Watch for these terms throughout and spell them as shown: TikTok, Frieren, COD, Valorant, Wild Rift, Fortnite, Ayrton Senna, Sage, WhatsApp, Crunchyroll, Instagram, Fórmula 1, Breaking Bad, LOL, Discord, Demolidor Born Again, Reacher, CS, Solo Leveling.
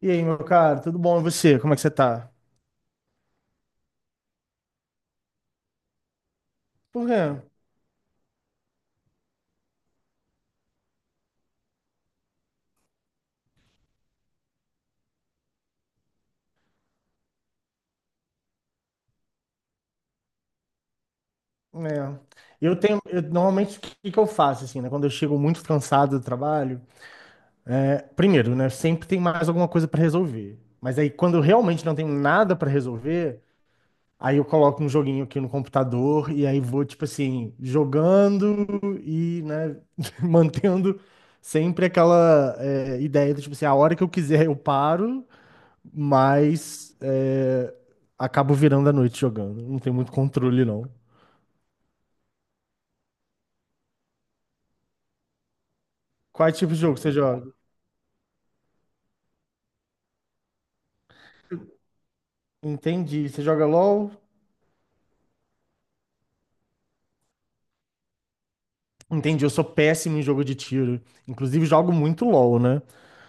E aí, meu cara, tudo bom? E você? Como é que você tá? Por quê? É, Normalmente o que que eu faço assim, né? Quando eu chego muito cansado do trabalho, primeiro, né? Sempre tem mais alguma coisa pra resolver. Mas aí, quando eu realmente não tenho nada pra resolver, aí eu coloco um joguinho aqui no computador e aí vou tipo assim jogando e, né? Mantendo sempre aquela ideia do tipo assim, a hora que eu quiser eu paro, mas é, acabo virando a noite jogando. Não tem muito controle, não. Quais tipos de jogo você joga? Entendi. Você joga LOL? Entendi. Eu sou péssimo em jogo de tiro. Inclusive, jogo muito LOL, né?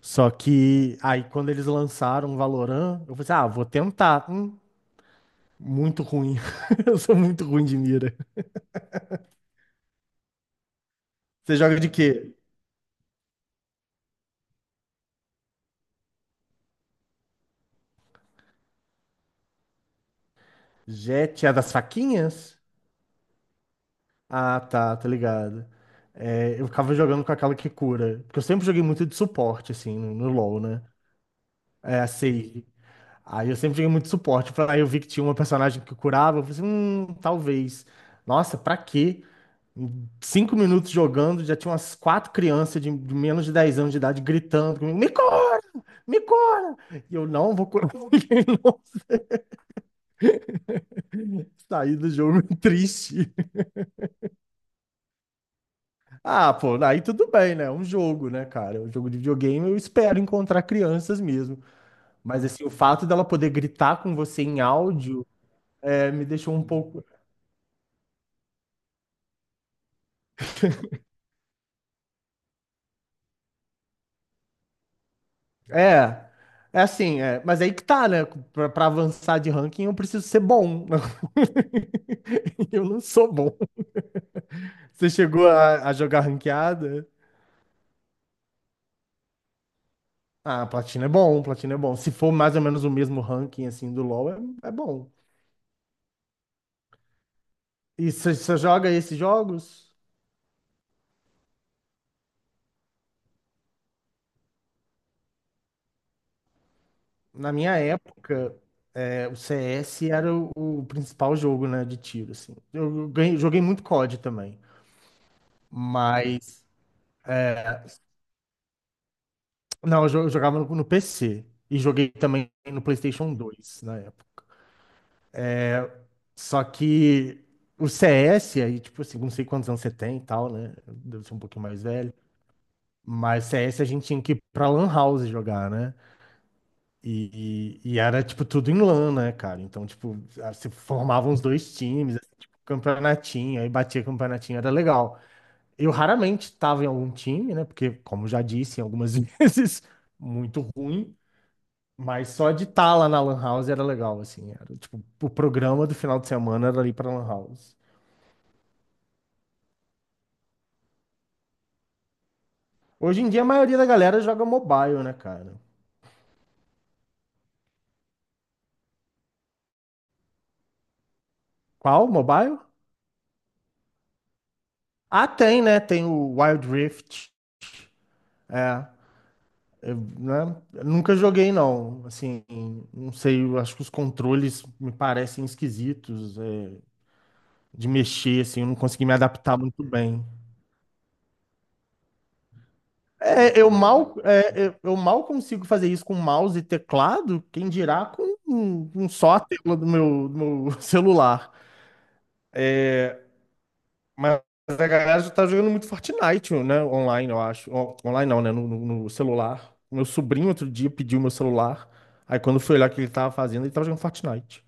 Só que aí, quando eles lançaram Valorant, eu falei assim: ah, vou tentar. Muito ruim. Eu sou muito ruim de mira. Você joga de quê? Jet é das faquinhas? Ah, tá, tá ligado. É, eu ficava jogando com aquela que cura. Porque eu sempre joguei muito de suporte, assim, no LoL, né? É, a Sage. Aí eu sempre joguei muito de suporte. Aí eu vi que tinha uma personagem que curava. Eu falei assim, talvez. Nossa, pra quê? Em 5 minutos jogando, já tinha umas 4 crianças de menos de 10 anos de idade gritando comigo, me cura! Me cura! E eu não vou curar ninguém, não. Saí do jogo triste. Ah, pô, aí tudo bem, né? É um jogo, né, cara? É um jogo de videogame, eu espero encontrar crianças mesmo. Mas, assim, o fato dela poder gritar com você em áudio me deixou um pouco. É, mas aí que tá, né? Pra avançar de ranking, eu preciso ser bom. Eu não sou bom. Você chegou a jogar ranqueada? Ah, platina é bom, platina é bom. Se for mais ou menos o mesmo ranking, assim, do LoL, é, é bom. E você joga esses jogos? Na minha época, o CS era o principal jogo, né, de tiro, assim. Joguei muito COD também, mas... é, não, eu jogava no PC e joguei também no PlayStation 2 na época. Só que o CS, aí, tipo assim, não sei quantos anos você tem e tal, né? Deve ser um pouquinho mais velho. Mas CS a gente tinha que ir pra Lan House jogar, né? E era, tipo, tudo em LAN, né, cara? Então, tipo, se formavam os dois times, assim, tipo, campeonatinho, aí batia campeonatinho, era legal. Eu raramente tava em algum time, né? Porque, como já disse algumas vezes, muito ruim. Mas só de estar lá na Lan House era legal, assim. Era, tipo, o programa do final de semana era ali pra Lan House. Hoje em dia, a maioria da galera joga mobile, né, cara? Qual? Mobile? Ah, tem, né? Tem o Wild Rift. É. Eu, né, eu nunca joguei, não. Assim, não sei, eu acho que os controles me parecem esquisitos, de mexer, assim, eu não consegui me adaptar muito bem. Eu mal consigo fazer isso com mouse e teclado, quem dirá com só a tela do meu celular. Mas a galera já tá jogando muito Fortnite, né, online, eu acho. Online não, né, no celular. Meu sobrinho outro dia pediu meu celular, aí quando foi lá que ele tava fazendo, ele tava jogando Fortnite.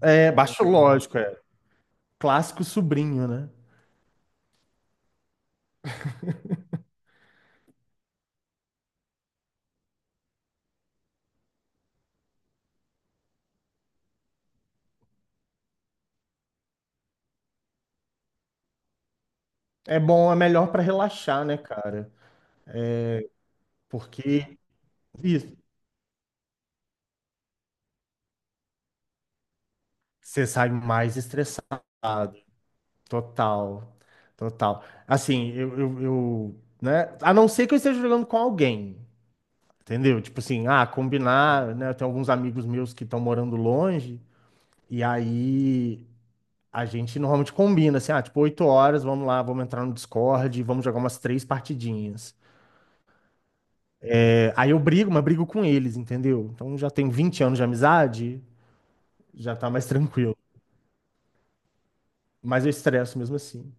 É, baixo lógico, é. Clássico sobrinho, né? É bom, é melhor pra relaxar, né, cara? É, porque isso, você sai mais estressado. Total, total. Assim, né? A não ser que eu esteja jogando com alguém, entendeu? Tipo assim, ah, combinar, né? Eu tenho alguns amigos meus que estão morando longe, e aí a gente normalmente combina, assim, ah, tipo, 8 horas, vamos lá, vamos entrar no Discord, e vamos jogar umas 3 partidinhas. Aí eu brigo, mas brigo com eles, entendeu? Então já tem 20 anos de amizade, já tá mais tranquilo. Mas eu estresso mesmo assim.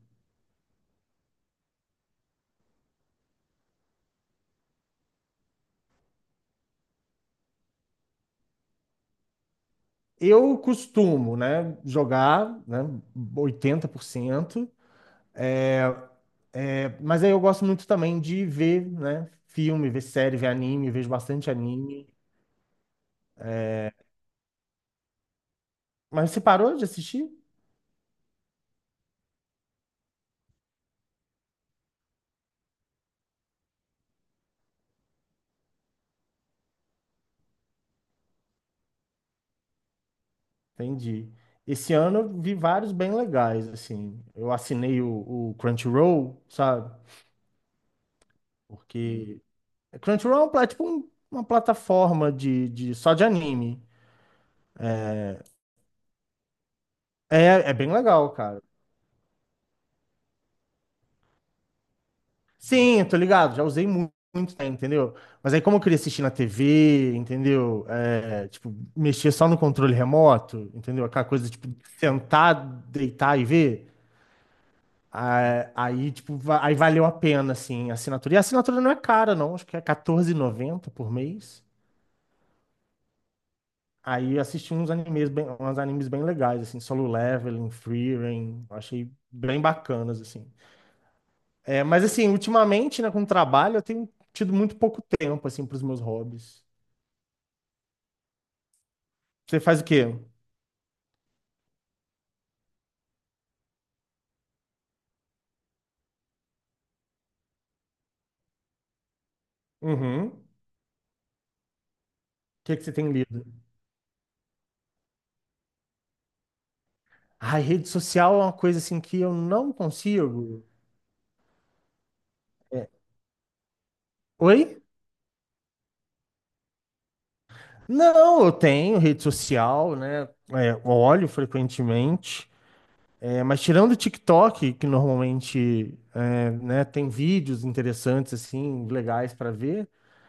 Eu costumo, né, jogar, né, 80%. é, É, mas aí eu gosto muito também de ver, né, filme, ver série, ver anime, vejo bastante anime. Mas você parou de assistir? Entendi. Esse ano eu vi vários bem legais, assim. Eu assinei o Crunchyroll, sabe? Porque Crunchyroll é uma plataforma só de anime. É, é bem legal, cara. Sim, eu tô ligado, já muito, tempo, entendeu? Mas aí como eu queria assistir na TV, entendeu? É, tipo, mexer só no controle remoto, entendeu? Aquela coisa, tipo, sentar, deitar e ver. Ah, aí, tipo, aí valeu a pena, assim, a assinatura. E a assinatura não é cara, não. Acho que é R$ 14,90 por mês. Aí eu assisti uns animes bem legais, assim, Solo Leveling, Frieren, eu achei bem bacanas, assim. É, mas assim, ultimamente, né, com o trabalho, eu tenho tido muito pouco tempo, assim, para os meus hobbies. Você faz o quê? Uhum. O que é que você tem lido? Ai, rede social é uma coisa, assim, que eu não consigo. É, oi? Não, eu tenho rede social, né? É, olho frequentemente. É, mas tirando o TikTok, que normalmente é, né, tem vídeos interessantes, assim, legais para ver,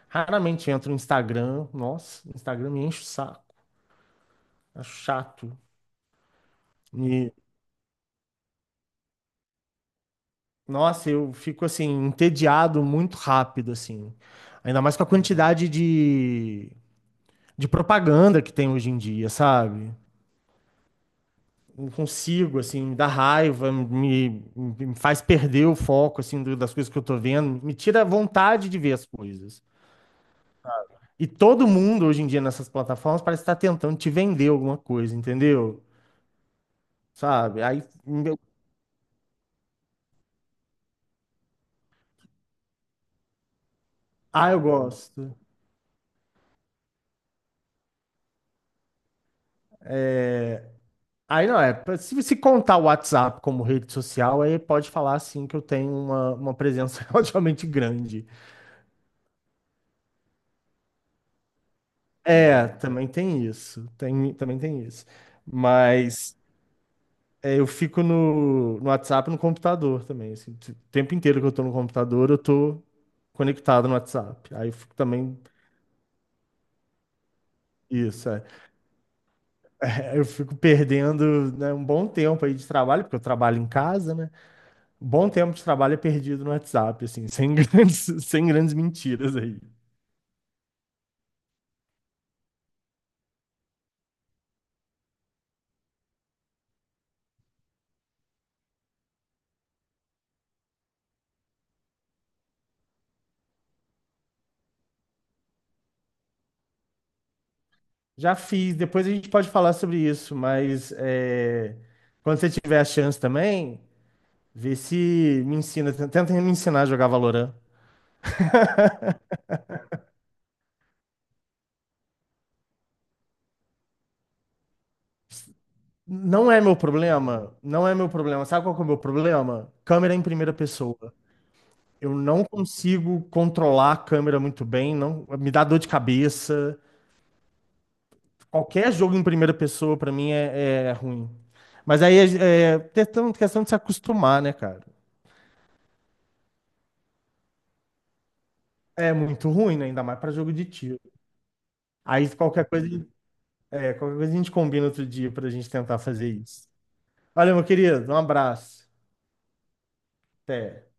raramente entro no Instagram. Nossa, o Instagram me enche o saco, acho chato. E, nossa, eu fico, assim, entediado muito rápido, assim. Ainda mais com a quantidade de, propaganda que tem hoje em dia, sabe? Não consigo, assim, me dá raiva, me faz perder o foco, assim, das coisas que eu tô vendo, me tira a vontade de ver as coisas. E todo mundo hoje em dia nessas plataformas parece estar tentando te vender alguma coisa, entendeu? Sabe? Ah, eu gosto. Aí não é, se você contar o WhatsApp como rede social, aí pode falar assim que eu tenho uma presença relativamente grande. É, também tem isso. Tem, também tem isso. Mas é, eu fico no WhatsApp e no computador também. Assim, o tempo inteiro que eu tô no computador, eu tô conectado no WhatsApp. Aí eu fico também. Isso, é. Eu fico perdendo, né, um bom tempo aí de trabalho, porque eu trabalho em casa, né? Um bom tempo de trabalho é perdido no WhatsApp, assim, sem grandes, sem grandes mentiras aí. Já fiz, depois a gente pode falar sobre isso, mas é, quando você tiver a chance também, vê se me ensina, tenta me ensinar a jogar Valorant. Não é meu problema, não é meu problema. Sabe qual que é o meu problema? Câmera em primeira pessoa. Eu não consigo controlar a câmera muito bem, não, me dá dor de cabeça. Qualquer jogo em primeira pessoa, pra mim, é, é ruim. Mas aí é, é questão de se acostumar, né, cara? É muito ruim, né? Ainda mais pra jogo de tiro. Aí qualquer coisa, é, qualquer coisa a gente combina outro dia pra gente tentar fazer isso. Valeu, meu querido. Um abraço. Até.